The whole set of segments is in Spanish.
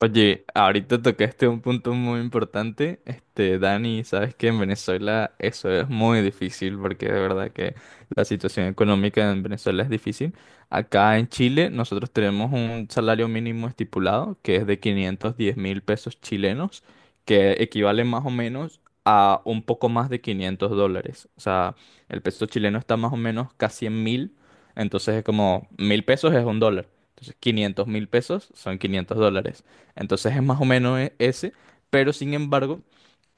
Oye, ahorita tocaste un punto muy importante, Dani, sabes que en Venezuela eso es muy difícil porque de verdad que la situación económica en Venezuela es difícil. Acá en Chile nosotros tenemos un salario mínimo estipulado que es de 510.000 pesos chilenos, que equivale más o menos a un poco más de $500. O sea, el peso chileno está más o menos casi en mil, entonces es como mil pesos es un dólar. Entonces, 500.000 pesos son $500. Entonces es más o menos ese, pero sin embargo,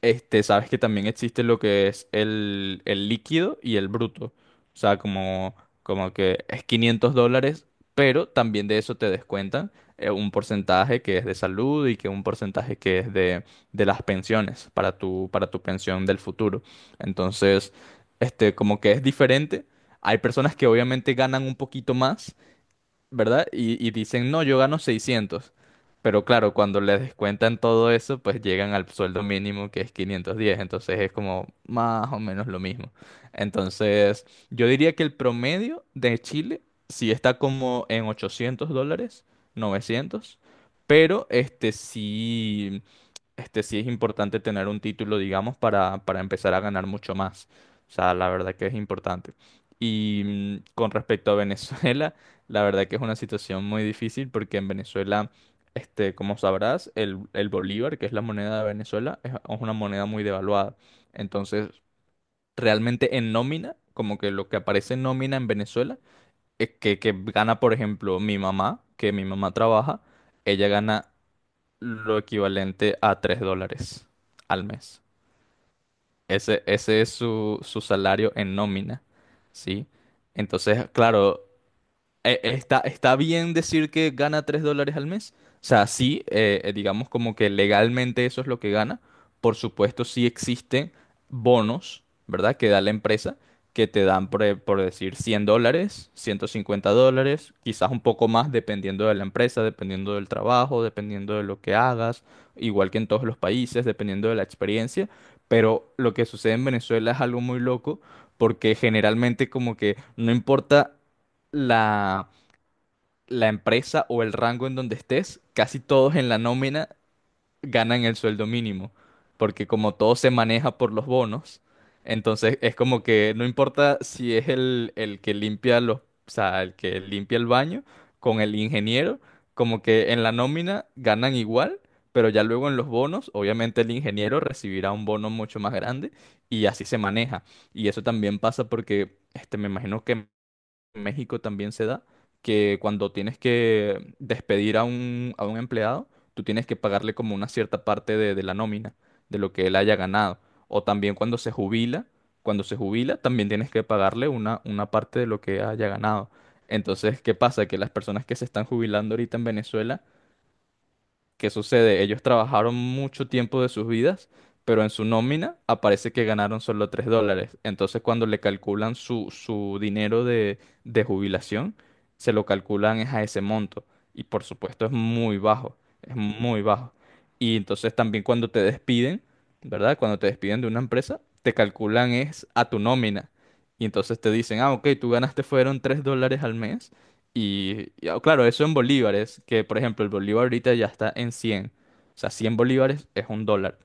sabes que también existe lo que es el líquido y el bruto. O sea, como, como que es $500, pero también de eso te descuentan un porcentaje que es de salud y que un porcentaje que es de las pensiones para tu pensión del futuro. Entonces, como que es diferente. Hay personas que obviamente ganan un poquito más, ¿verdad? Y dicen, no, yo gano 600. Pero claro, cuando les descuentan todo eso, pues llegan al sueldo mínimo que es 510. Entonces es como más o menos lo mismo. Entonces, yo diría que el promedio de Chile sí está como en $800, 900. Pero este sí es importante tener un título, digamos, para empezar a ganar mucho más. O sea, la verdad que es importante. Y con respecto a Venezuela. La verdad que es una situación muy difícil porque en Venezuela, como sabrás, el bolívar, que es la moneda de Venezuela, es una moneda muy devaluada. Entonces, realmente en nómina, como que lo que aparece en nómina en Venezuela, es que gana, por ejemplo, mi mamá, que mi mamá trabaja, ella gana lo equivalente a $3 al mes. Ese es su, su salario en nómina, ¿sí? Entonces, claro. Está, está bien decir que gana $3 al mes. O sea, sí, digamos como que legalmente eso es lo que gana. Por supuesto, sí existen bonos, ¿verdad? Que da la empresa, que te dan, por decir, $100, $150, quizás un poco más dependiendo de la empresa, dependiendo del trabajo, dependiendo de lo que hagas, igual que en todos los países, dependiendo de la experiencia. Pero lo que sucede en Venezuela es algo muy loco, porque generalmente como que no importa la la empresa o el rango en donde estés, casi todos en la nómina ganan el sueldo mínimo, porque como todo se maneja por los bonos, entonces es como que no importa si es el que limpia los, o sea, el que limpia el baño con el ingeniero, como que en la nómina ganan igual, pero ya luego en los bonos, obviamente el ingeniero recibirá un bono mucho más grande y así se maneja. Y eso también pasa porque, me imagino que en México también se da, que cuando tienes que despedir a un empleado, tú tienes que pagarle como una cierta parte de la nómina, de lo que él haya ganado. O también cuando se jubila, también tienes que pagarle una parte de lo que haya ganado. Entonces, ¿qué pasa? Que las personas que se están jubilando ahorita en Venezuela, ¿qué sucede? Ellos trabajaron mucho tiempo de sus vidas, pero en su nómina aparece que ganaron solo $3. Entonces, cuando le calculan su, su dinero de jubilación, se lo calculan es a ese monto. Y por supuesto es muy bajo, es muy bajo. Y entonces también cuando te despiden, ¿verdad? Cuando te despiden de una empresa, te calculan es a tu nómina. Y entonces te dicen, ah, ok, tú ganaste fueron $3 al mes y, ah, claro, eso en bolívares, que por ejemplo el bolívar ahorita ya está en cien. O sea, 100 bolívares es un dólar.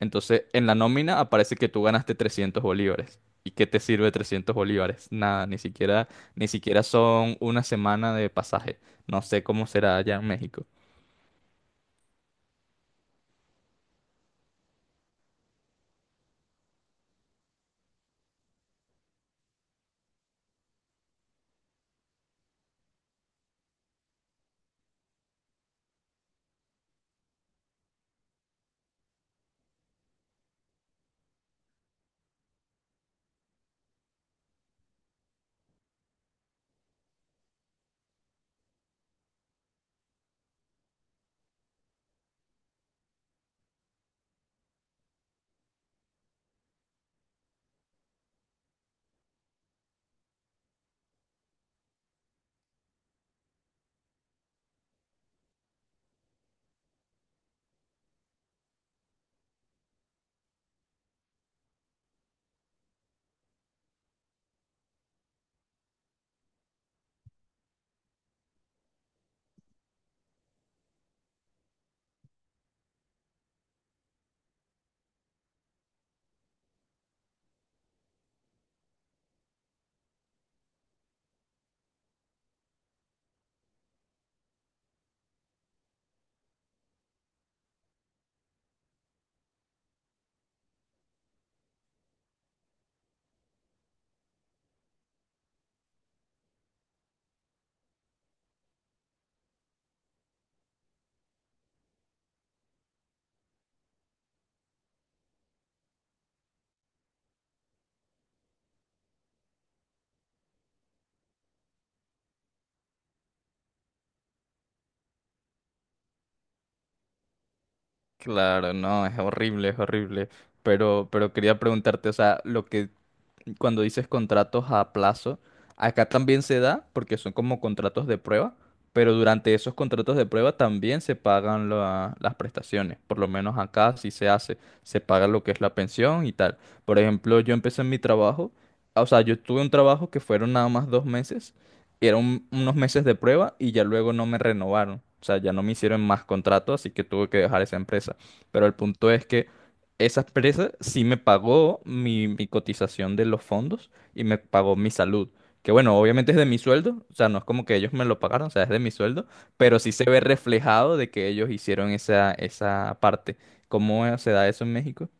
Entonces, en la nómina aparece que tú ganaste 300 bolívares. ¿Y qué te sirve 300 bolívares? Nada, ni siquiera, ni siquiera son una semana de pasaje. No sé cómo será allá en México. Claro, no, es horrible, es horrible. Pero quería preguntarte, o sea, lo que cuando dices contratos a plazo, acá también se da porque son como contratos de prueba, pero durante esos contratos de prueba también se pagan las prestaciones. Por lo menos acá sí se hace, se paga lo que es la pensión y tal. Por ejemplo, yo empecé en mi trabajo, o sea, yo tuve un trabajo que fueron nada más 2 meses, eran unos meses de prueba y ya luego no me renovaron. O sea, ya no me hicieron más contrato, así que tuve que dejar esa empresa. Pero el punto es que esa empresa sí me pagó mi, mi cotización de los fondos y me pagó mi salud. Que bueno, obviamente es de mi sueldo, o sea, no es como que ellos me lo pagaron, o sea, es de mi sueldo, pero sí se ve reflejado de que ellos hicieron esa, esa parte. ¿Cómo se da eso en México?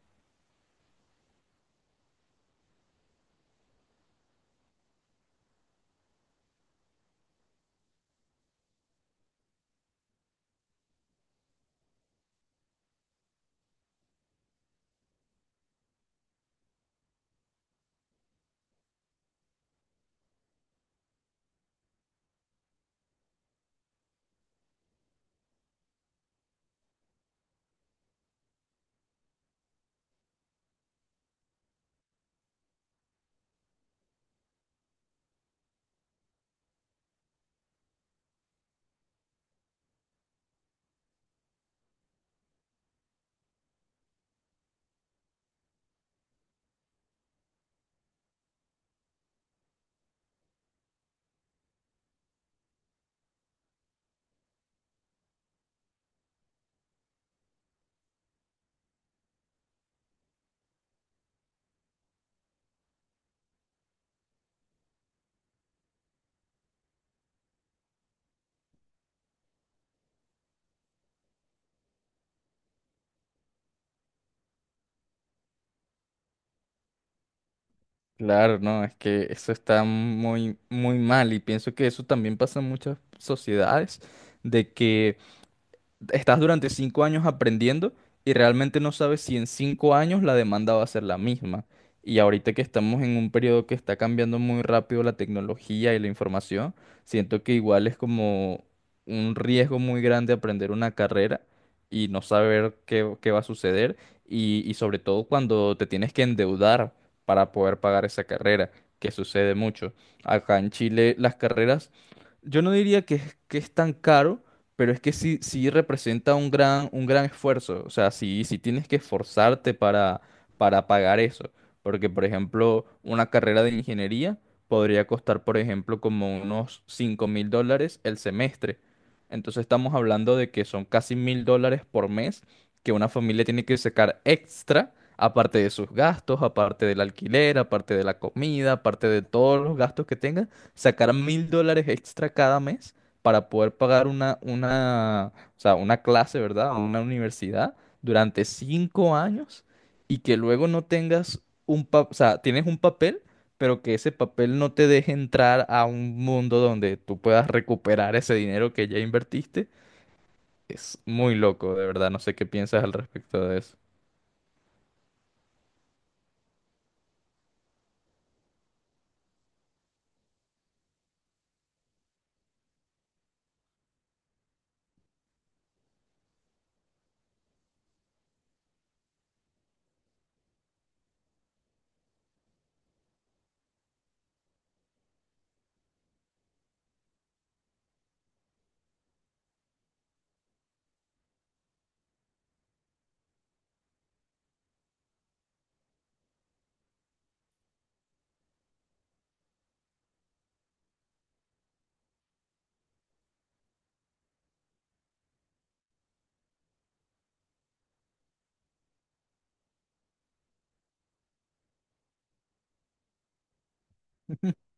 Claro, no, es que eso está muy, muy mal y pienso que eso también pasa en muchas sociedades, de que estás durante 5 años aprendiendo y realmente no sabes si en 5 años la demanda va a ser la misma. Y ahorita que estamos en un periodo que está cambiando muy rápido la tecnología y la información, siento que igual es como un riesgo muy grande aprender una carrera y no saber qué, qué va a suceder y sobre todo cuando te tienes que endeudar para poder pagar esa carrera, que sucede mucho. Acá en Chile las carreras, yo no diría que, que es tan caro pero es que sí, sí representa un gran esfuerzo. O sea, sí, sí tienes que esforzarte para pagar eso. Porque, por ejemplo, una carrera de ingeniería podría costar, por ejemplo, como unos $5.000 el semestre. Entonces estamos hablando de que son casi $1.000 por mes que una familia tiene que sacar extra, aparte de sus gastos, aparte del alquiler, aparte de la comida, aparte de todos los gastos que tenga, sacar $1.000 extra cada mes para poder pagar una, o sea, una clase, ¿verdad? O una universidad durante 5 años y que luego no tengas un papel, o sea, tienes un papel, pero que ese papel no te deje entrar a un mundo donde tú puedas recuperar ese dinero que ya invertiste. Es muy loco, de verdad. No sé qué piensas al respecto de eso.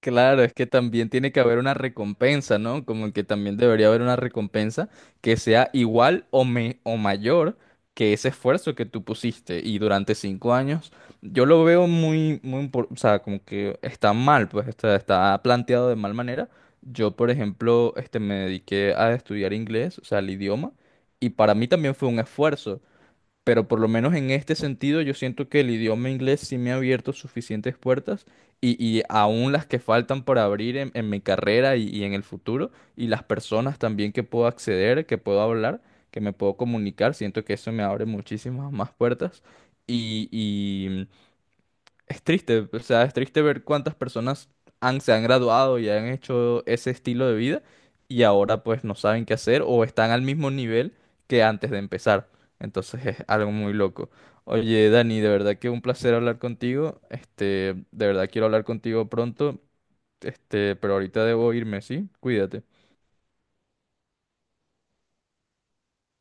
Claro, es que también tiene que haber una recompensa, ¿no? Como que también debería haber una recompensa que sea igual o, o mayor que ese esfuerzo que tú pusiste. Y durante 5 años, yo lo veo muy, muy, o sea, como que está mal, pues está, está planteado de mal manera. Yo, por ejemplo, me dediqué a estudiar inglés, o sea, el idioma, y para mí también fue un esfuerzo pero por lo menos en este sentido yo siento que el idioma inglés sí me ha abierto suficientes puertas y aún las que faltan por abrir en mi carrera y en el futuro y las personas también que puedo acceder, que puedo hablar, que me puedo comunicar, siento que eso me abre muchísimas más puertas y, es triste, o sea, es triste ver cuántas personas han, se han graduado y han hecho ese estilo de vida y ahora pues no saben qué hacer o están al mismo nivel que antes de empezar. Entonces es algo muy loco. Oye, Dani, de verdad que un placer hablar contigo. De verdad quiero hablar contigo pronto. Pero ahorita debo irme, ¿sí? Cuídate.